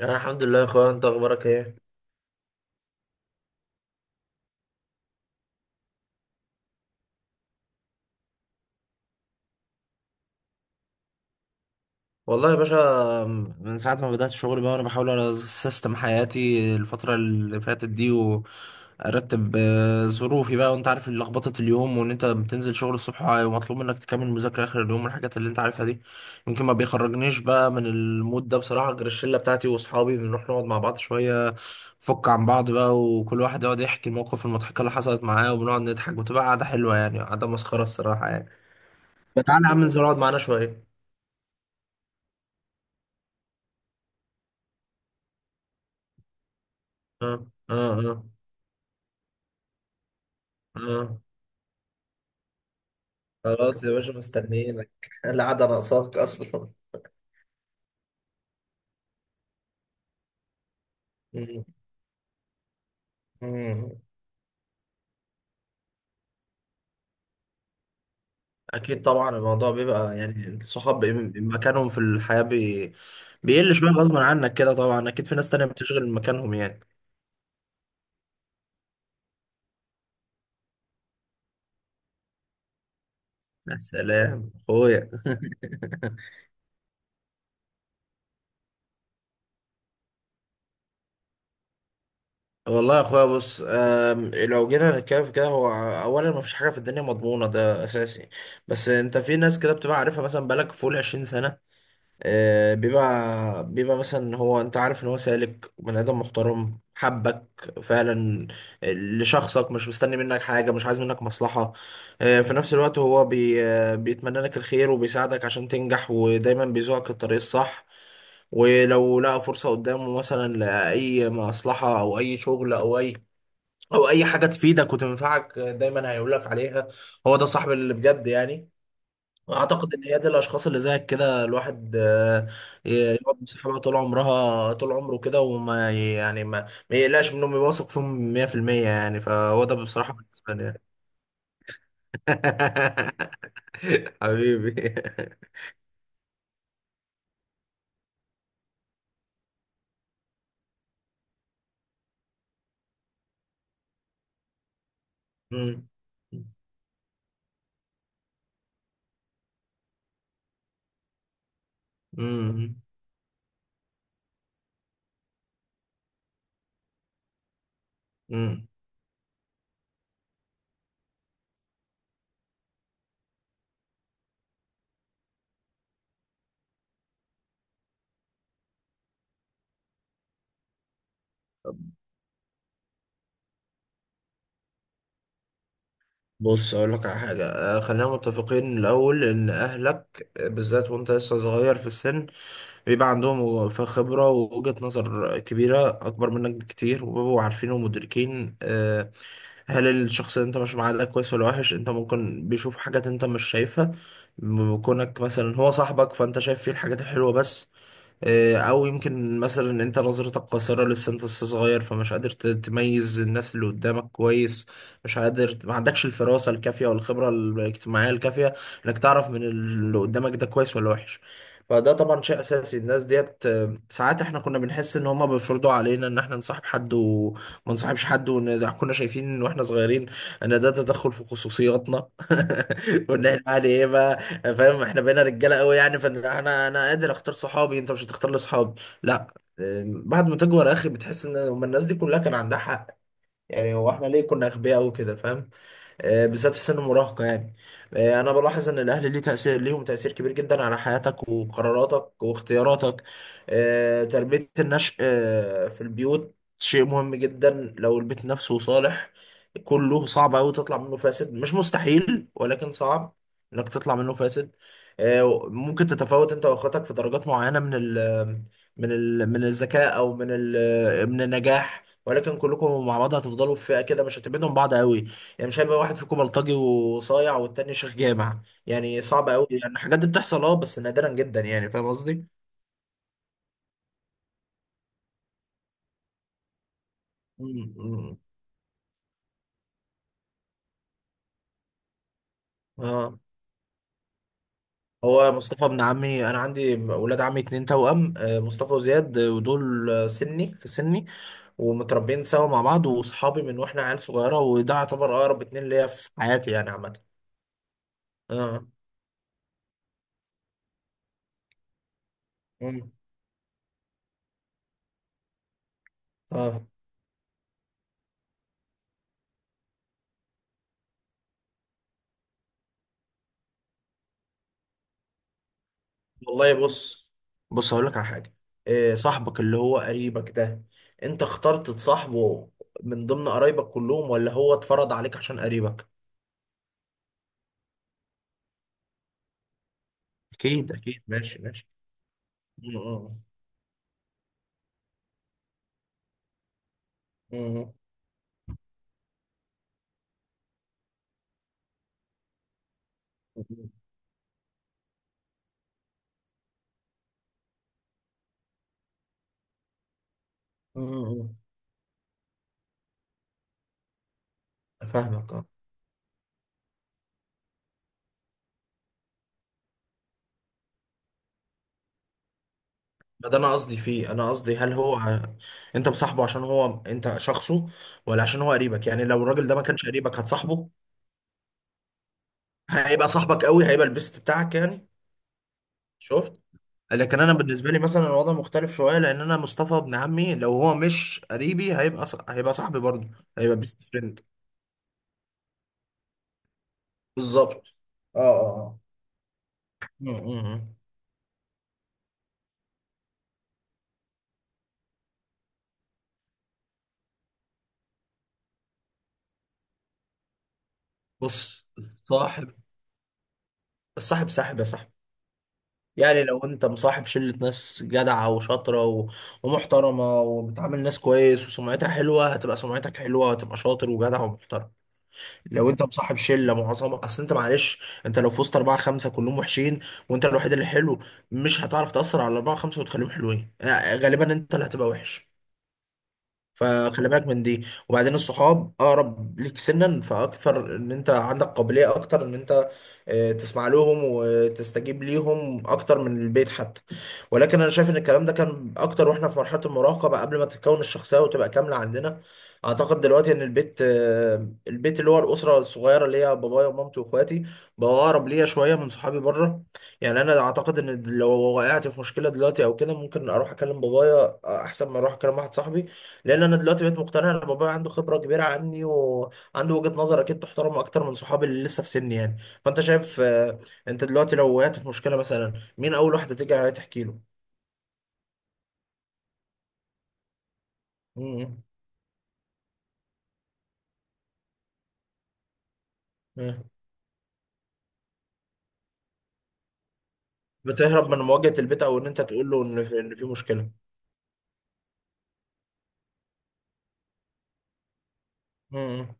انا الحمد لله يا اخويا، انت اخبارك ايه؟ والله يا باشا، من ساعه ما بدات شغل بقى وانا بحاول على سيستم حياتي الفتره اللي فاتت دي، وارتب ظروفي بقى. وانت عارف لخبطه اليوم، وان انت بتنزل شغل الصبح ومطلوب منك تكمل مذاكره اخر اليوم والحاجات اللي انت عارفها دي. يمكن ما بيخرجنيش بقى من المود ده بصراحه غير الشله بتاعتي واصحابي، بنروح نقعد مع بعض شويه، نفك عن بعض بقى، وكل واحد يقعد يحكي المواقف المضحكه اللي حصلت معاه، وبنقعد نضحك وتبقى قعده حلوه يعني، قعده مسخره الصراحه يعني. تعالى يا عم، انزل اقعد معانا شوية. اه، اه، اه، اه. خلاص يا باشا، مستنيينك القعدة ناقصاك أصلا. مم. مم. أكيد طبعا، الموضوع بيبقى يعني الصحاب مكانهم في الحياة بيقل شوية غصب عنك كده طبعا، أكيد في ناس تانية بتشغل مكانهم يعني. يا سلام أخويا والله يا أخويا، بص، لو جينا نتكلم في كده، هو أولا مفيش حاجة في الدنيا مضمونة، ده أساسي. بس أنت في ناس كده بتبقى عارفها، مثلا بقالك فوق العشرين سنة، بيبقى مثلا هو، انت عارف ان هو سالك بني ادم محترم، حبك فعلا لشخصك، مش مستني منك حاجه، مش عايز منك مصلحه. في نفس الوقت هو بي آه، بيتمنى لك الخير وبيساعدك عشان تنجح، ودايما بيزوقك الطريق الصح. ولو لقى فرصه قدامه مثلا لاي مصلحه، او اي شغل، او اي حاجه تفيدك وتنفعك، دايما هيقولك عليها. هو ده صاحب اللي بجد يعني. اعتقد ان هي دي الاشخاص اللي زيك كده، الواحد يقعد مع صحابها طول عمرها، طول عمره كده، وما يعني ما يقلقش منهم، يواثق فيهم 100% يعني. فهو ده بصراحة بالنسبة لي يعني. حبيبي. مم. مم. مم. بص اقول لك على حاجه، خلينا متفقين الاول ان اهلك، بالذات وانت لسه صغير في السن، بيبقى عندهم خبرة ووجهة نظر كبيرة، أكبر منك بكتير، وبيبقوا عارفين ومدركين، هل الشخص اللي أنت ماشي معاه ده كويس ولا وحش. أنت ممكن بيشوف حاجات أنت مش شايفها، كونك مثلا هو صاحبك فأنت شايف فيه الحاجات الحلوة بس. او يمكن مثلا ان انت نظرتك قاصره، لسه انت لسه صغير، فمش قادر تميز الناس اللي قدامك كويس، مش قادر، ما عندكش الفراسه الكافيه والخبره الاجتماعيه الكافيه انك تعرف من اللي قدامك ده كويس ولا وحش. فده طبعا شيء اساسي. الناس ديت، ساعات احنا كنا بنحس ان هما بيفرضوا علينا ان احنا نصاحب حد وما نصاحبش حد، وان كنا شايفين واحنا صغيرين ان ده تدخل في خصوصياتنا وان احنا يعني ايه بقى، يعني فاهم، احنا بقينا رجاله قوي يعني، فانا قادر اختار صحابي، انت مش هتختار لي صحابي، لا. بعد ما تكبر يا اخي، بتحس ان هما الناس دي كلها كان عندها حق. يعني هو احنا ليه كنا اغبياء قوي كده، فاهم؟ بالذات في سن المراهقة يعني. أنا بلاحظ إن الأهل ليه تأثير، ليهم تأثير كبير جدا على حياتك وقراراتك واختياراتك. تربية النشء، في البيوت شيء مهم جدا. لو البيت نفسه صالح كله، صعب أوي تطلع منه فاسد، مش مستحيل ولكن صعب إنك تطلع منه فاسد. ممكن تتفاوت أنت وأخواتك في درجات معينة من ال من ال من الذكاء، أو من النجاح، ولكن كلكم مع بعض هتفضلوا في فئة كده، مش هتبعدوا عن بعض أوي. يعني مش هيبقى واحد فيكم بلطجي وصايع والتاني شيخ جامع، يعني صعب قوي، يعني الحاجات دي بتحصل اه بس نادرا جدا، يعني فاهم قصدي؟ مم. اه. هو مصطفى ابن عمي، انا عندي ولاد عمي اتنين توأم، مصطفى وزياد، ودول سني في سني، ومتربيين سوا مع بعض، واصحابي من واحنا عيال صغيره، وده يعتبر اقرب اتنين ليا في حياتي يعني عامه. اه. مم. اه. والله بص، هقول لك على حاجه. إيه صاحبك اللي هو قريبك ده، انت اخترت تصاحبه من ضمن قرايبك كلهم، ولا هو اتفرض عليك عشان قريبك؟ اكيد، اكيد، ماشي ماشي. م- م- م- م- فاهمك اه. ما ده انا قصدي فيه، انا قصدي هل هو انت مصاحبه عشان هو انت شخصه، ولا عشان هو قريبك؟ يعني لو الراجل ده ما كانش قريبك، هتصاحبه؟ هيبقى صاحبك قوي، هيبقى البيست بتاعك يعني؟ شفت. لكن انا بالنسبه لي مثلا الوضع مختلف شويه، لان انا مصطفى ابن عمي لو هو مش قريبي، هيبقى صاحبي برضه. هيبقى بيست فريند. بالظبط. اه اه. م- م- م. بص الصاحب ساحب يا صاحبي. يعني لو انت مصاحب شلة ناس جدعة وشاطرة ومحترمة وبتعامل ناس كويس وسمعتها حلوة، هتبقى سمعتك حلوة، وهتبقى شاطر وجدع ومحترم. لو انت مصاحب شله معظم اصل انت معلش، انت لو في وسط اربعه خمسه كلهم وحشين، وانت الوحيد اللي حلو، مش هتعرف تاثر على الاربعه خمسه وتخليهم حلوين، غالبا انت اللي هتبقى وحش. فخلي بالك من دي. وبعدين الصحاب اقرب ليك سنا، فاكثر ان انت عندك قابلية اكتر ان انت تسمع لهم وتستجيب ليهم اكتر من البيت حتى. ولكن انا شايف ان الكلام ده كان اكتر واحنا في مرحلة المراهقة بقى، قبل ما تتكون الشخصية وتبقى كاملة عندنا. اعتقد دلوقتي ان البيت، البيت اللي هو الاسرة الصغيرة اللي هي بابايا ومامتي واخواتي، بقى اقرب ليا شوية من صحابي بره. يعني انا اعتقد ان لو وقعت في مشكلة دلوقتي او كده، ممكن اروح اكلم بابايا، احسن ما اروح اكلم واحد صاحبي، لان انا دلوقتي بقيت مقتنع ان بابايا عنده خبره كبيره عني، وعنده وجهه نظر اكيد تحترم اكتر من صحابي اللي لسه في سني يعني. فانت شايف، انت دلوقتي لو وقعت في مشكله مثلا، مين اول واحده تيجي تحكي له؟ مم. مم. بتهرب من مواجهه البيت، او ان انت تقول له ان في, إن في مشكله. مم.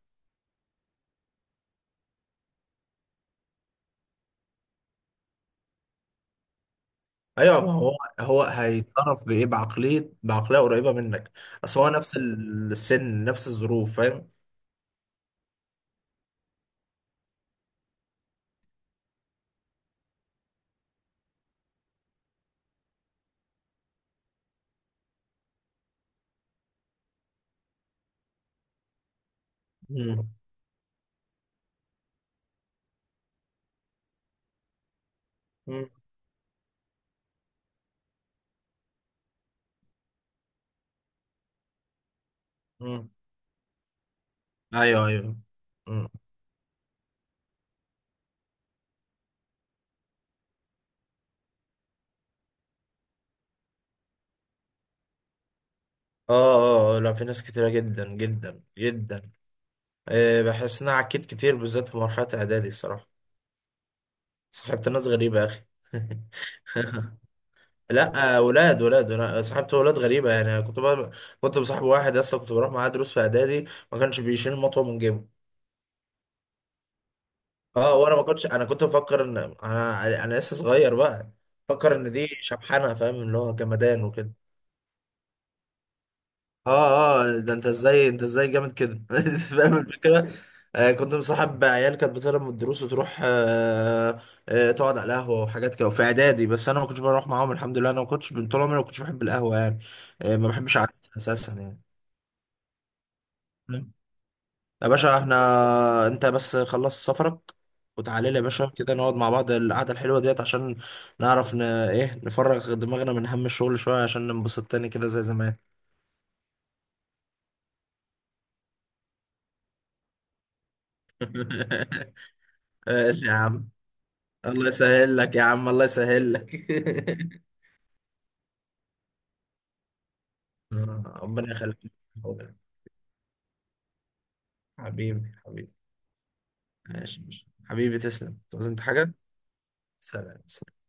ايوه ما هو، هو هيتصرف بايه؟ بعقليه، بعقليه قريبه منك، اصل هو نفس السن نفس الظروف، فاهم. مم. مم. مم. ايوه ايوه. مم. اه اه. لا في ناس كتيرة جدا جدا جدا. أه بحس ان انا عكيت كتير، بالذات في مرحلة اعدادي الصراحة. صاحبت ناس غريبة يا اخي. لا ولاد، ولاد. انا صاحبت ولاد غريبة يعني. أنا كنت بقى كنت بصاحب واحد اصلا، كنت بروح معاه دروس في اعدادي، ما كانش بيشيل مطوة من جيبه. اه. وانا ما كنتش، انا كنت بفكر ان انا لسه صغير بقى، فكر ان دي شبحانة فاهم، اللي هو جمدان وكده. اه اه، ده انت ازاي، انت ازاي جامد كده؟ أنت فاهم الفكره. آه كنت مصاحب عيال كانت بتهرب من الدروس وتروح آه، آه تقعد على القهوه وحاجات كده، وفي اعدادي بس انا ما كنتش بروح معاهم، الحمد لله انا ما كنتش، من طول عمري ما كنتش بحب القهوه يعني، آه ما بحبش قعدتها اساسا يعني. مم. يا باشا احنا، انت بس خلص سفرك وتعالى لي يا باشا كده، نقعد مع بعض القعده الحلوه ديت، عشان نعرف ايه نفرغ دماغنا من هم الشغل شويه، عشان ننبسط تاني كده زي زمان. يا عم، الله يسهل لك يا عم، الله يسهل لك. ربنا يخليك، حبيبي، حبيبي. ماشي ماشي. حبيبي تسلم، تعوز انت حاجة؟ سلام.